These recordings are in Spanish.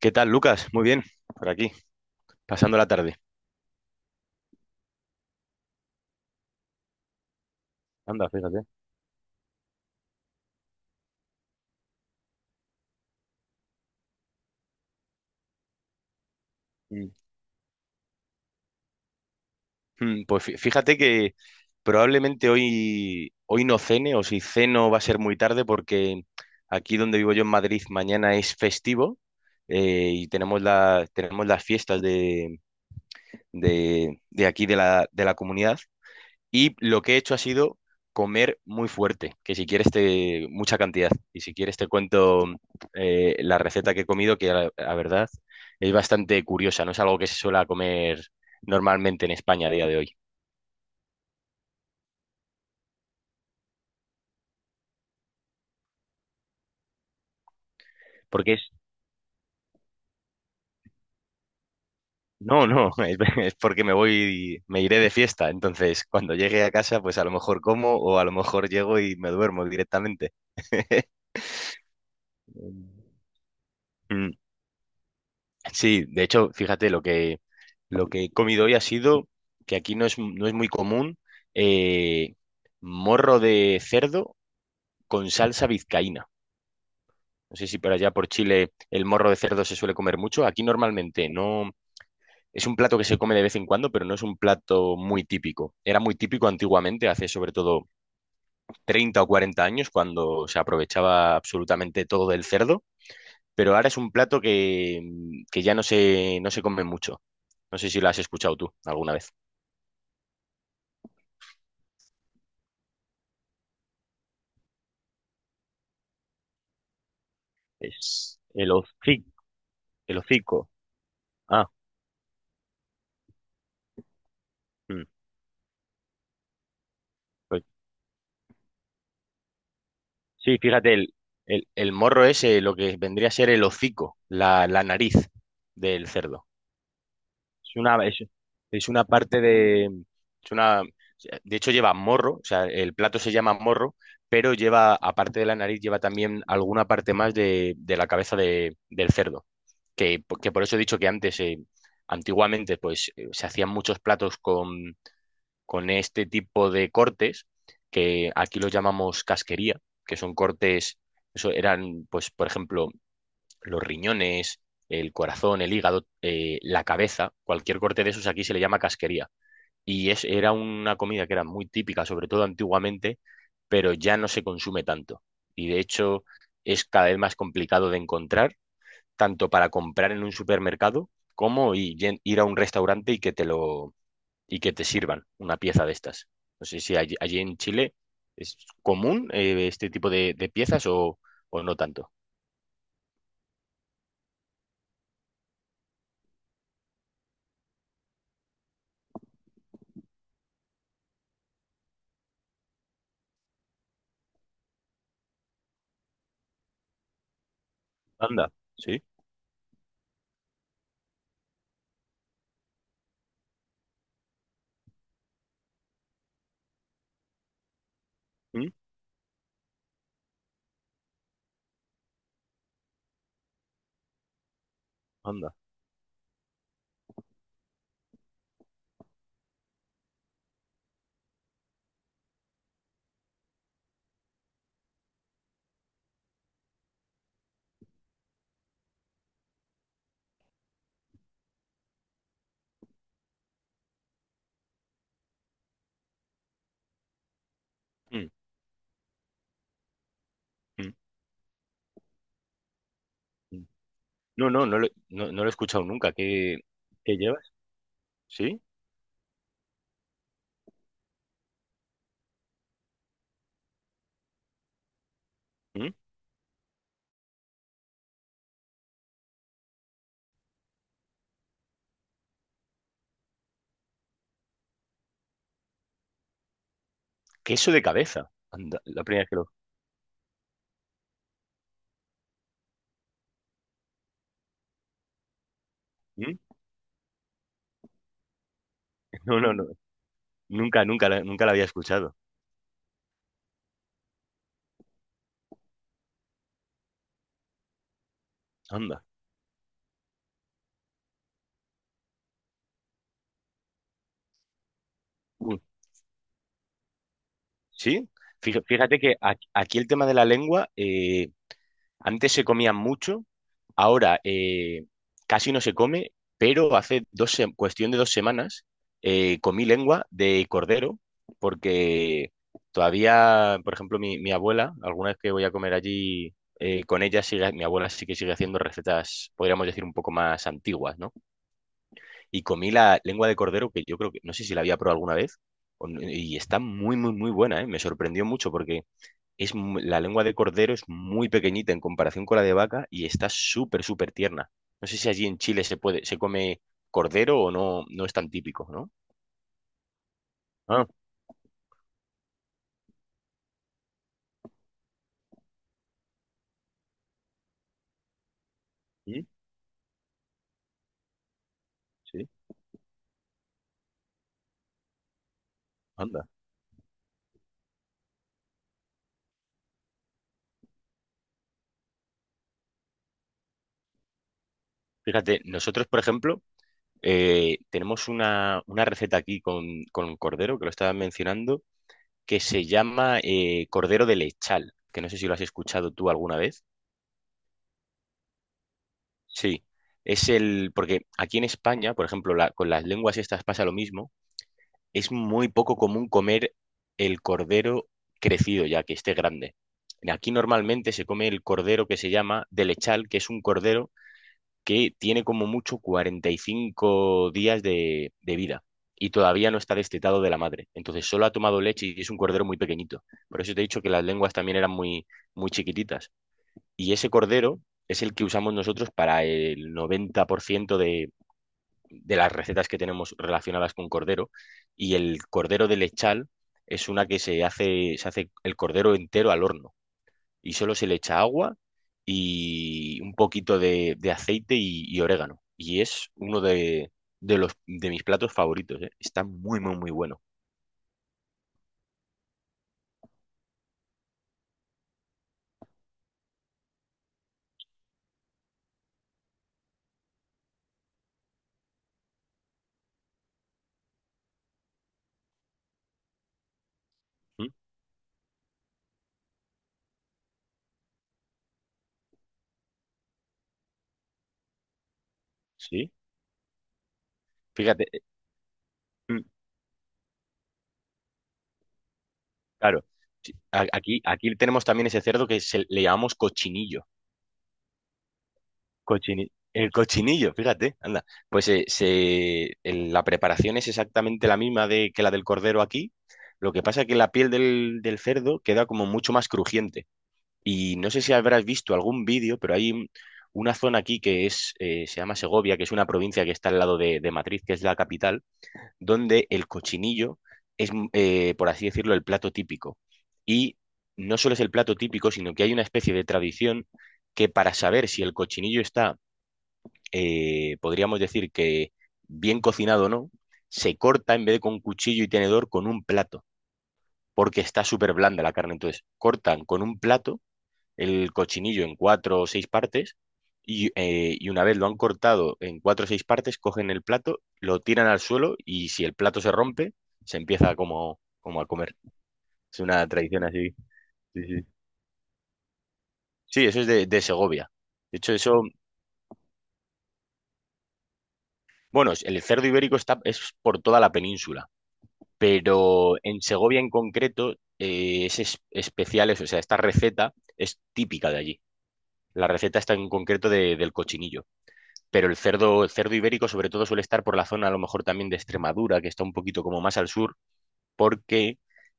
¿Qué tal, Lucas? Muy bien, por aquí, pasando la tarde. Anda, fíjate. Mm. Pues fíjate que probablemente hoy no cene, o si ceno va a ser muy tarde, porque aquí donde vivo yo en Madrid mañana es festivo, y tenemos las fiestas de aquí de la comunidad. Y lo que he hecho ha sido comer muy fuerte, que si quieres te mucha cantidad. Y si quieres te cuento la receta que he comido, que la verdad es bastante curiosa, no es algo que se suele comer normalmente en España a día de hoy. Porque no, no, es porque me voy, me iré de fiesta. Entonces, cuando llegue a casa, pues a lo mejor como o a lo mejor llego y me duermo directamente. Mm. Sí, de hecho, fíjate, lo que he comido hoy ha sido que aquí no es muy común, eh, morro de cerdo con salsa vizcaína. No sé si por allá por Chile el morro de cerdo se suele comer mucho. Aquí normalmente no. Es un plato que se come de vez en cuando, pero no es un plato muy típico. Era muy típico antiguamente, hace sobre todo 30 o 40 años, cuando se aprovechaba absolutamente todo del cerdo, pero ahora es un plato que ya no se come mucho. No sé si lo has escuchado tú alguna vez. Es el hocico. El hocico. Ah, mm, pues sí, fíjate, el morro es, lo que vendría a ser el hocico, la nariz del cerdo. Es una, es, es una parte de. Es una, de hecho, lleva morro, o sea, el plato se llama morro, pero lleva, aparte de la nariz, lleva también alguna parte más de la cabeza del cerdo. Que por eso he dicho que antes, antiguamente, pues se hacían muchos platos con este tipo de cortes, que aquí los llamamos casquería, que son cortes, eso eran, pues, por ejemplo, los riñones, el corazón, el hígado, la cabeza, cualquier corte de esos aquí se le llama casquería. Y era una comida que era muy típica, sobre todo antiguamente, pero ya no se consume tanto. Y de hecho es cada vez más complicado de encontrar, tanto para comprar en un supermercado como ir a un restaurante y que te sirvan una pieza de estas. No sé si allí en Chile es común, este tipo de piezas o no tanto. Anda, sí. ¿Mm? Anda. Mm, mm, mm. No, no, no lo he escuchado nunca. ¿Qué llevas? ¿Sí? ¿Mm? Queso de cabeza. Anda, la primera vez que lo. ¿Mm? No, no, no. Nunca, nunca, nunca la había escuchado. Anda. Uy, ¿sí? Fíjate que aquí el tema de la lengua, antes se comía mucho, ahora, casi no se come, pero hace cuestión de 2 semanas, comí lengua de cordero, porque todavía, por ejemplo, mi abuela, alguna vez que voy a comer allí con ella, mi abuela sí que sigue haciendo recetas, podríamos decir, un poco más antiguas, ¿no? Y comí la lengua de cordero, que yo creo que, no sé si la había probado alguna vez, o no- y está muy, muy, muy buena, ¿eh? Me sorprendió mucho porque la lengua de cordero es muy pequeñita en comparación con la de vaca y está súper, súper tierna. No sé si allí en Chile se come cordero o no, no es tan típico, ¿no? Ah, sí, sí, anda. Fíjate, nosotros, por ejemplo, tenemos una receta aquí con cordero, que lo estaba mencionando, que se llama, cordero de lechal, que no sé si lo has escuchado tú alguna vez. Sí, porque aquí en España, por ejemplo, con las lenguas estas pasa lo mismo. Es muy poco común comer el cordero crecido, ya que esté grande. Aquí normalmente se come el cordero que se llama de lechal, que es un cordero que tiene como mucho 45 días de vida y todavía no está destetado de la madre. Entonces solo ha tomado leche y es un cordero muy pequeñito. Por eso te he dicho que las lenguas también eran muy, muy chiquititas. Y ese cordero es el que usamos nosotros para el 90% de las recetas que tenemos relacionadas con cordero. Y el cordero de lechal es una que se hace el cordero entero al horno y solo se le echa agua y un poquito de aceite y orégano. Y es uno de mis platos favoritos, ¿eh? Está muy, muy, muy bueno. ¿Mm? Sí, fíjate, mm, claro. Sí, aquí tenemos también ese cerdo que le llamamos cochinillo. El cochinillo, fíjate, anda. Pues la preparación es exactamente la misma, que la del cordero aquí. Lo que pasa es que la piel del cerdo queda como mucho más crujiente. Y no sé si habrás visto algún vídeo, pero hay una zona aquí se llama Segovia, que es una provincia que está al lado de Madrid, que es la capital, donde el cochinillo es, por así decirlo, el plato típico. Y no solo es el plato típico, sino que hay una especie de tradición que para saber si el cochinillo está, podríamos decir que bien cocinado, o ¿no? Se corta en vez de con cuchillo y tenedor con un plato, porque está súper blanda la carne. Entonces, cortan con un plato el cochinillo en cuatro o seis partes y una vez lo han cortado en cuatro o seis partes, cogen el plato, lo tiran al suelo y si el plato se rompe, se empieza como a comer. Es una tradición así. Sí, sí. Sí, eso es de Segovia. De hecho, eso, bueno, el cerdo ibérico es por toda la península. Pero en Segovia en concreto, es especial, eso, o sea, esta receta es típica de allí. La receta está en concreto del cochinillo, pero el cerdo ibérico sobre todo suele estar por la zona a lo mejor también de Extremadura, que está un poquito como más al sur, porque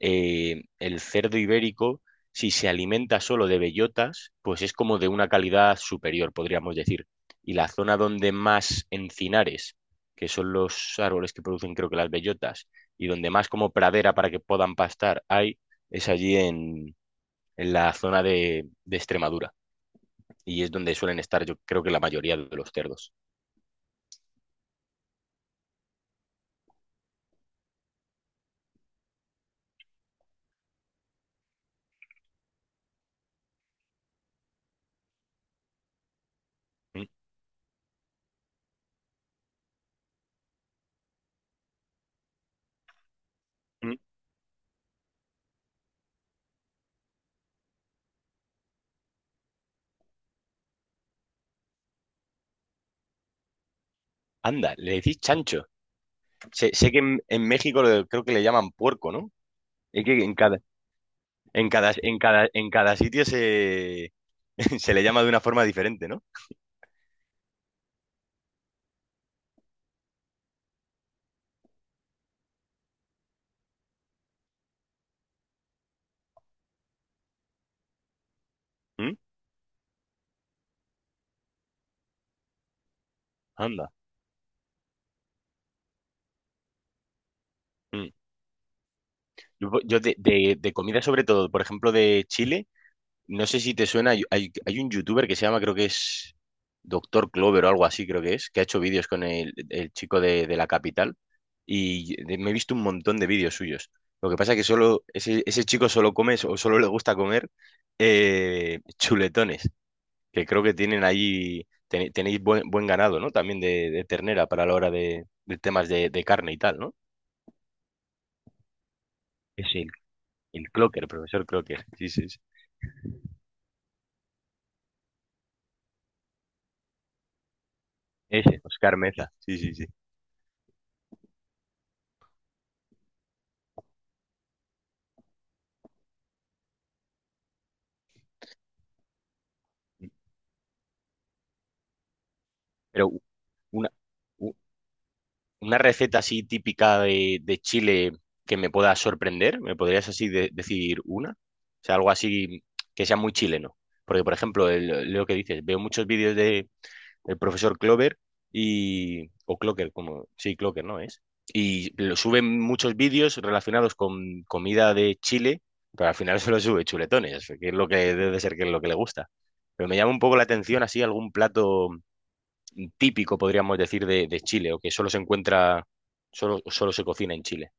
el cerdo ibérico, si se alimenta solo de bellotas, pues es como de una calidad superior, podríamos decir. Y la zona donde más encinares, que son los árboles que producen creo que las bellotas, y donde más como pradera para que puedan pastar hay, es allí en la zona de Extremadura. Y es donde suelen estar, yo creo que la mayoría de los cerdos. Mm, mm. Anda, le decís chancho. Sé que en México creo que le llaman puerco, ¿no? Es que en cada sitio se le llama de una forma diferente, ¿no? ¿Mm? Anda. Mm. Yo de comida sobre todo, por ejemplo, de Chile. No sé si te suena, hay un youtuber que se llama, creo que es Doctor Clover o algo así, que ha hecho vídeos con el chico de la capital y me he visto un montón de vídeos suyos. Lo que pasa es que solo ese chico solo o solo le gusta comer, chuletones, que creo que tienen ahí, tenéis buen ganado, ¿no? También de ternera para la hora de temas de carne y tal, ¿no? Es el Clocker, profesor Clocker, sí, sí, sí. Ese, Oscar Meza, sí, sí, sí. Pero una, Una receta así típica de Chile que me pueda sorprender, ¿me podrías así decir una? O sea, algo así que sea muy chileno. Porque, por ejemplo, lo que dices, veo muchos vídeos del profesor Clover y, o Clocker, como. Sí, Clocker, ¿no es? Y lo suben muchos vídeos relacionados con comida de Chile, pero al final solo sube chuletones, que es lo que debe de ser que es lo que le gusta. Pero me llama un poco la atención así algún plato típico, podríamos decir, de Chile, o que solo se cocina en Chile.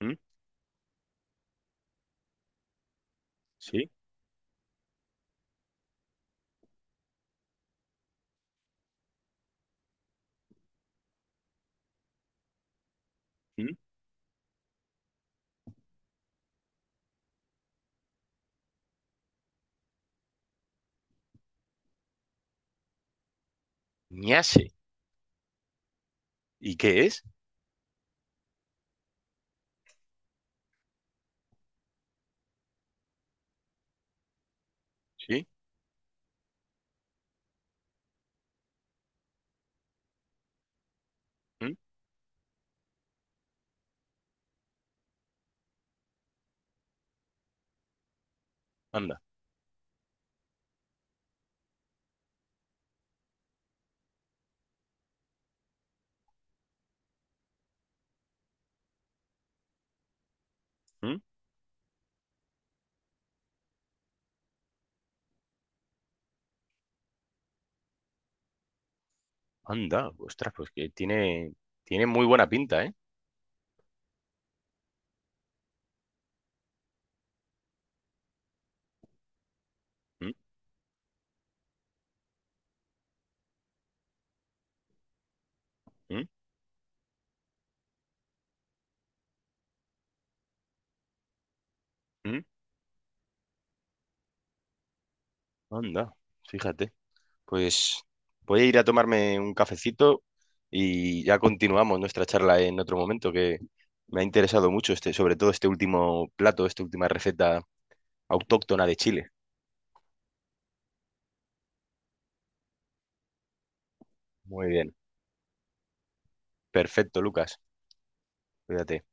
¿Mm? ¿Sí? ¿Mm? Ñase. ¿Y qué es? ¿Sí? ¿Mm? Anda. ¿Mm? Anda. Ostras, pues que tiene muy buena pinta, ¿eh? ¿Mm? ¿Mm? ¿Mm? Anda. Fíjate. Pues voy a ir a tomarme un cafecito y ya continuamos nuestra charla en otro momento, que me ha interesado mucho este, sobre todo este último plato, esta última receta autóctona de Chile. Muy bien. Perfecto, Lucas. Fíjate